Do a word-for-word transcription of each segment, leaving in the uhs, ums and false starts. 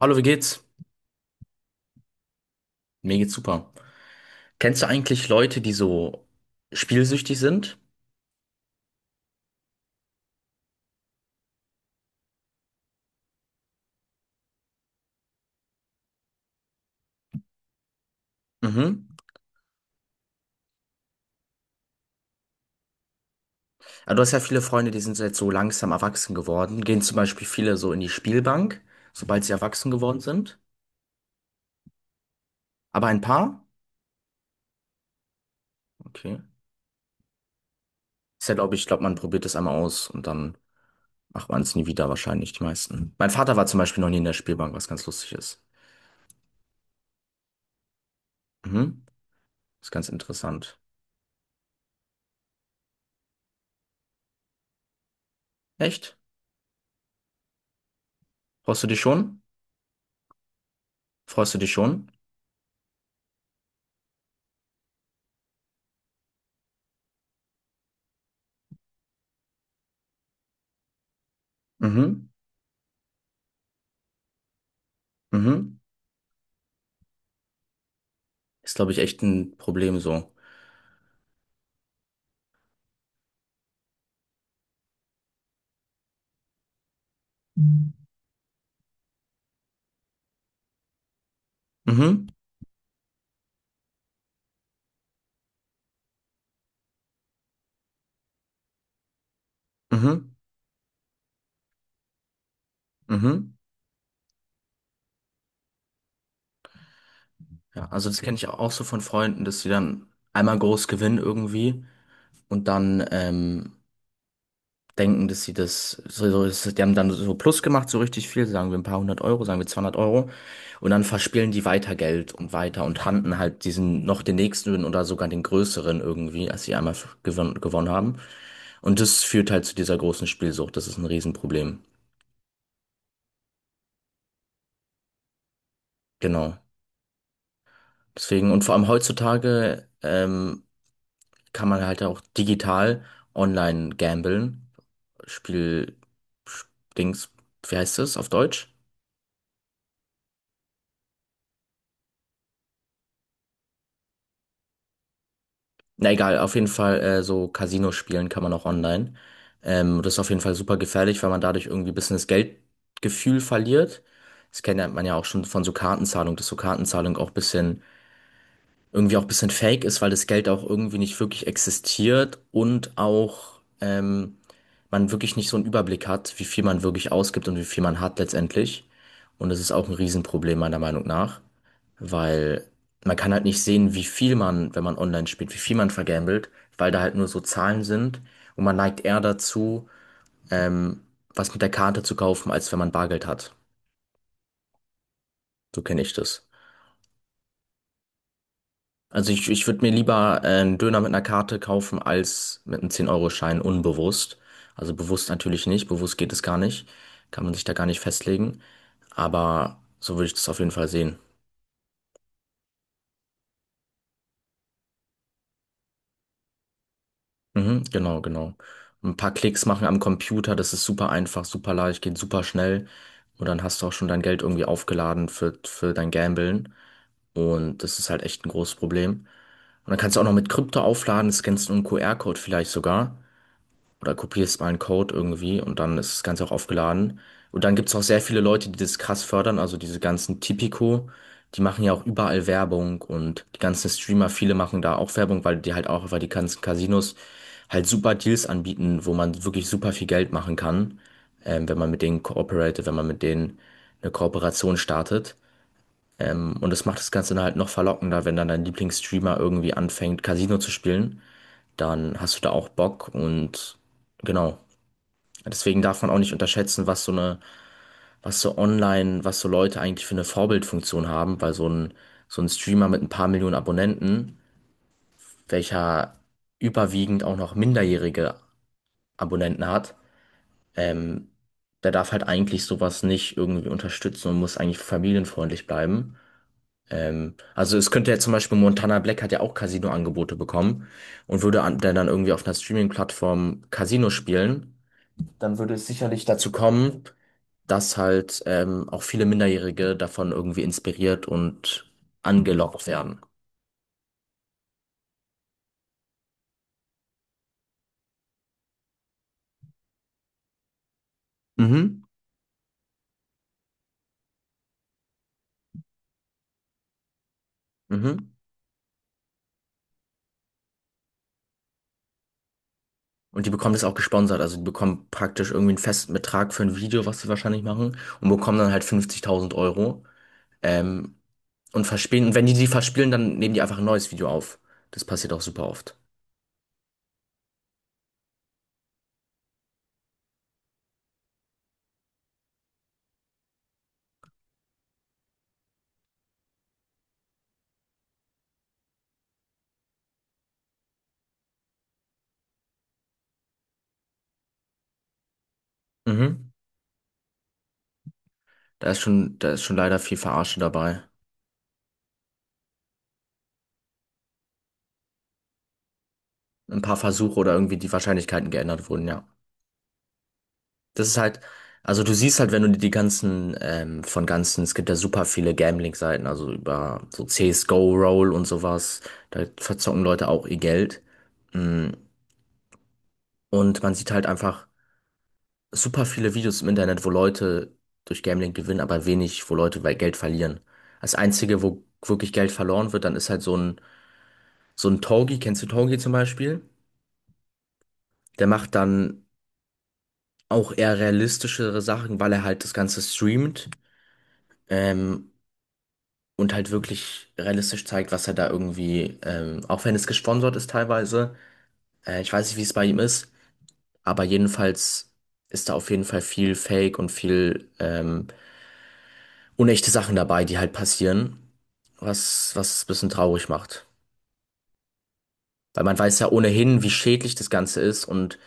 Hallo, wie geht's? Mir geht's super. Kennst du eigentlich Leute, die so spielsüchtig sind? Mhm. Ja, du hast ja viele Freunde, die sind jetzt so langsam erwachsen geworden. Gehen zum Beispiel viele so in die Spielbank, sobald sie erwachsen geworden sind. Aber ein paar? Okay. Ist ja, glaube ich, glaube, man probiert es einmal aus und dann macht man es nie wieder, wahrscheinlich die meisten. Mein Vater war zum Beispiel noch nie in der Spielbank, was ganz lustig ist. Mhm. Ist ganz interessant. Echt? Freust du dich schon? Freust du dich schon? Mhm. Mhm. Ist, glaube ich, echt ein Problem so. Mhm, mhm, mhm. Ja, also das kenne ich auch so von Freunden, dass sie dann einmal groß gewinnen irgendwie und dann ähm, denken, dass sie das, so, so, das- die haben dann so Plus gemacht, so richtig viel, sagen wir ein paar hundert Euro, sagen wir zweihundert Euro und dann verspielen die weiter Geld und weiter und handeln halt diesen noch den nächsten oder sogar den größeren irgendwie, als sie einmal gewonnen, gewonnen haben. Und das führt halt zu dieser großen Spielsucht, das ist ein Riesenproblem. Genau. Deswegen, und vor allem heutzutage, ähm, kann man halt auch digital online gamblen. Spiel, Sch- Dings, wie heißt es auf Deutsch? Na egal, auf jeden Fall äh, so Casino spielen kann man auch online. Ähm, das ist auf jeden Fall super gefährlich, weil man dadurch irgendwie ein bisschen das Geldgefühl verliert. Das kennt ja, man ja auch schon von so Kartenzahlung, dass so Kartenzahlung auch ein bisschen, irgendwie auch ein bisschen fake ist, weil das Geld auch irgendwie nicht wirklich existiert und auch, ähm, man wirklich nicht so einen Überblick hat, wie viel man wirklich ausgibt und wie viel man hat letztendlich. Und das ist auch ein Riesenproblem meiner Meinung nach, weil man kann halt nicht sehen, wie viel man, wenn man online spielt, wie viel man vergambelt, weil da halt nur so Zahlen sind und man neigt eher dazu, ähm, was mit der Karte zu kaufen, als wenn man Bargeld hat. So kenne ich das. Also ich, ich würde mir lieber äh, einen Döner mit einer Karte kaufen, als mit einem zehn Euro Schein unbewusst. Also bewusst natürlich nicht, bewusst geht es gar nicht, kann man sich da gar nicht festlegen. Aber so würde ich das auf jeden Fall sehen. Mhm, genau, genau. Ein paar Klicks machen am Computer, das ist super einfach, super leicht, geht super schnell. Und dann hast du auch schon dein Geld irgendwie aufgeladen für, für dein Gamblen. Und das ist halt echt ein großes Problem. Und dann kannst du auch noch mit Krypto aufladen, scannst einen Q R-Code vielleicht sogar, oder kopierst mal einen Code irgendwie und dann ist das Ganze auch aufgeladen. Und dann gibt's auch sehr viele Leute, die das krass fördern, also diese ganzen Tipico, die machen ja auch überall Werbung und die ganzen Streamer, viele machen da auch Werbung, weil die halt auch, weil die ganzen Casinos halt super Deals anbieten, wo man wirklich super viel Geld machen kann, ähm, wenn man mit denen kooperiert, wenn man mit denen eine Kooperation startet. Und das macht das Ganze dann halt noch verlockender, wenn dann dein Lieblingsstreamer irgendwie anfängt, Casino zu spielen, dann hast du da auch Bock und genau. Deswegen darf man auch nicht unterschätzen, was so eine, was so online, was so Leute eigentlich für eine Vorbildfunktion haben, weil so ein, so ein Streamer mit ein paar Millionen Abonnenten, welcher überwiegend auch noch minderjährige Abonnenten hat, ähm, der darf halt eigentlich sowas nicht irgendwie unterstützen und muss eigentlich familienfreundlich bleiben. Ähm, also es könnte ja zum Beispiel Montana Black hat ja auch Casino-Angebote bekommen und würde an, der dann irgendwie auf einer Streaming-Plattform Casino spielen, dann würde es sicherlich dazu kommen, dass halt ähm, auch viele Minderjährige davon irgendwie inspiriert und angelockt werden. Mhm. Mhm. Und die bekommen das auch gesponsert. Also die bekommen praktisch irgendwie einen festen Betrag für ein Video, was sie wahrscheinlich machen, und bekommen dann halt fünfzigtausend Euro. Ähm, und verspielen. Und wenn die die verspielen, dann nehmen die einfach ein neues Video auf. Das passiert auch super oft. Mhm. Da ist schon, da ist schon leider viel Verarsche dabei. Ein paar Versuche oder irgendwie die Wahrscheinlichkeiten geändert wurden, ja. Das ist halt, also du siehst halt, wenn du dir die ganzen, ähm, von ganzen, es gibt ja super viele Gambling-Seiten, also über so C S go, Roll und sowas, da verzocken Leute auch ihr Geld. Mm, Und man sieht halt einfach super viele Videos im Internet, wo Leute durch Gambling gewinnen, aber wenig, wo Leute bei Geld verlieren. Das Einzige, wo wirklich Geld verloren wird, dann ist halt so ein, so ein Togi, kennst du Togi zum Beispiel? Der macht dann auch eher realistischere Sachen, weil er halt das Ganze streamt. Ähm, und halt wirklich realistisch zeigt, was er da irgendwie, ähm, auch wenn es gesponsert ist teilweise, äh, ich weiß nicht, wie es bei ihm ist, aber jedenfalls ist da auf jeden Fall viel Fake und viel ähm, unechte Sachen dabei, die halt passieren, was, was es ein bisschen traurig macht. Weil man weiß ja ohnehin, wie schädlich das Ganze ist und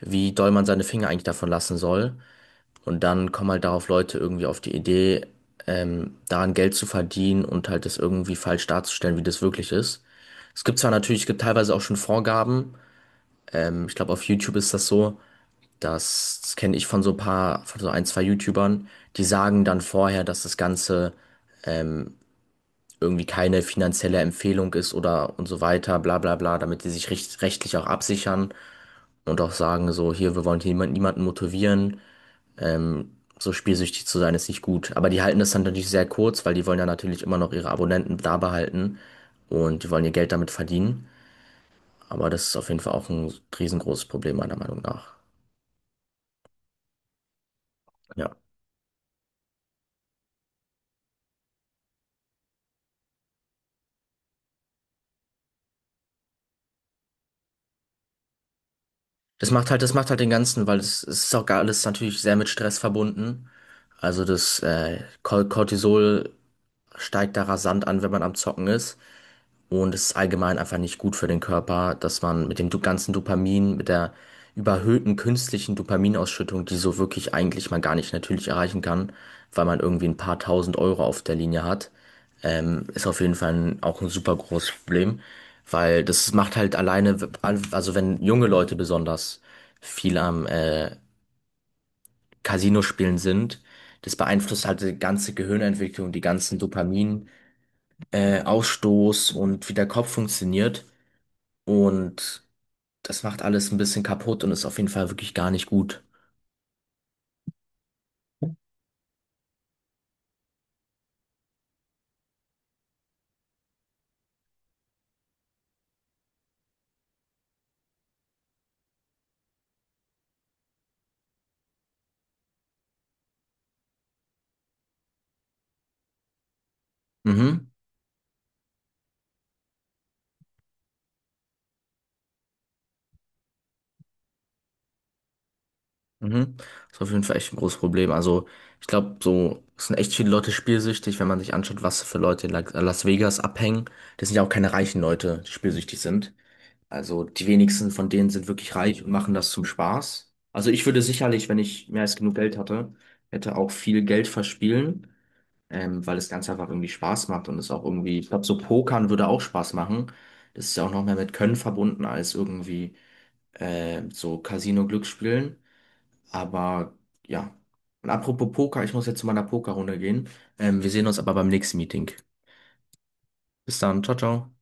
wie doll man seine Finger eigentlich davon lassen soll. Und dann kommen halt darauf Leute irgendwie auf die Idee, ähm, daran Geld zu verdienen und halt das irgendwie falsch darzustellen, wie das wirklich ist. Es gibt zwar natürlich, es gibt teilweise auch schon Vorgaben. Ähm, ich glaube, auf YouTube ist das so. Das, das kenne ich von so ein paar, von so ein, zwei YouTubern. Die sagen dann vorher, dass das Ganze irgendwie keine finanzielle Empfehlung ist oder und so weiter, bla bla bla, damit die sich recht, rechtlich auch absichern und auch sagen, so, hier, wir wollen hier niemand, niemanden motivieren. Ähm, so spielsüchtig zu sein ist nicht gut. Aber die halten das dann natürlich sehr kurz, weil die wollen ja natürlich immer noch ihre Abonnenten da behalten und die wollen ihr Geld damit verdienen. Aber das ist auf jeden Fall auch ein riesengroßes Problem, meiner Meinung nach. Ja. Das macht halt, das macht halt den Ganzen, weil es, es ist auch gar alles natürlich sehr mit Stress verbunden. Also das äh, Cor- Cortisol steigt da rasant an, wenn man am Zocken ist. Und es ist allgemein einfach nicht gut für den Körper, dass man mit dem du- ganzen Dopamin, mit der überhöhten künstlichen Dopaminausschüttung, die so wirklich eigentlich man gar nicht natürlich erreichen kann, weil man irgendwie ein paar tausend Euro auf der Linie hat, ähm, ist auf jeden Fall ein, auch ein super großes Problem, weil das macht halt alleine, w- al- also wenn junge Leute besonders viel am äh, Casino spielen sind, das beeinflusst halt die ganze Gehirnentwicklung, die ganzen Dopamin, äh, Ausstoß und wie der Kopf funktioniert. Und das macht alles ein bisschen kaputt und ist auf jeden Fall wirklich gar nicht gut. Mhm. Mhm. Ist auf jeden Fall echt ein großes Problem. Also, ich glaube, so es sind echt viele Leute spielsüchtig, wenn man sich anschaut, was für Leute in La- Las Vegas abhängen. Das sind ja auch keine reichen Leute, die spielsüchtig sind. Also, die wenigsten von denen sind wirklich reich und machen das zum Spaß. Also, ich würde sicherlich, wenn ich mehr als genug Geld hatte, hätte auch viel Geld verspielen, ähm, weil das Ganze einfach irgendwie Spaß macht und es auch irgendwie, ich glaube, so Pokern würde auch Spaß machen. Das ist ja auch noch mehr mit Können verbunden als irgendwie äh, so Casino-Glücksspielen. Aber ja. Und apropos Poker, ich muss jetzt zu meiner Pokerrunde gehen. Ähm, wir sehen uns aber beim nächsten Meeting. Bis dann, ciao, ciao.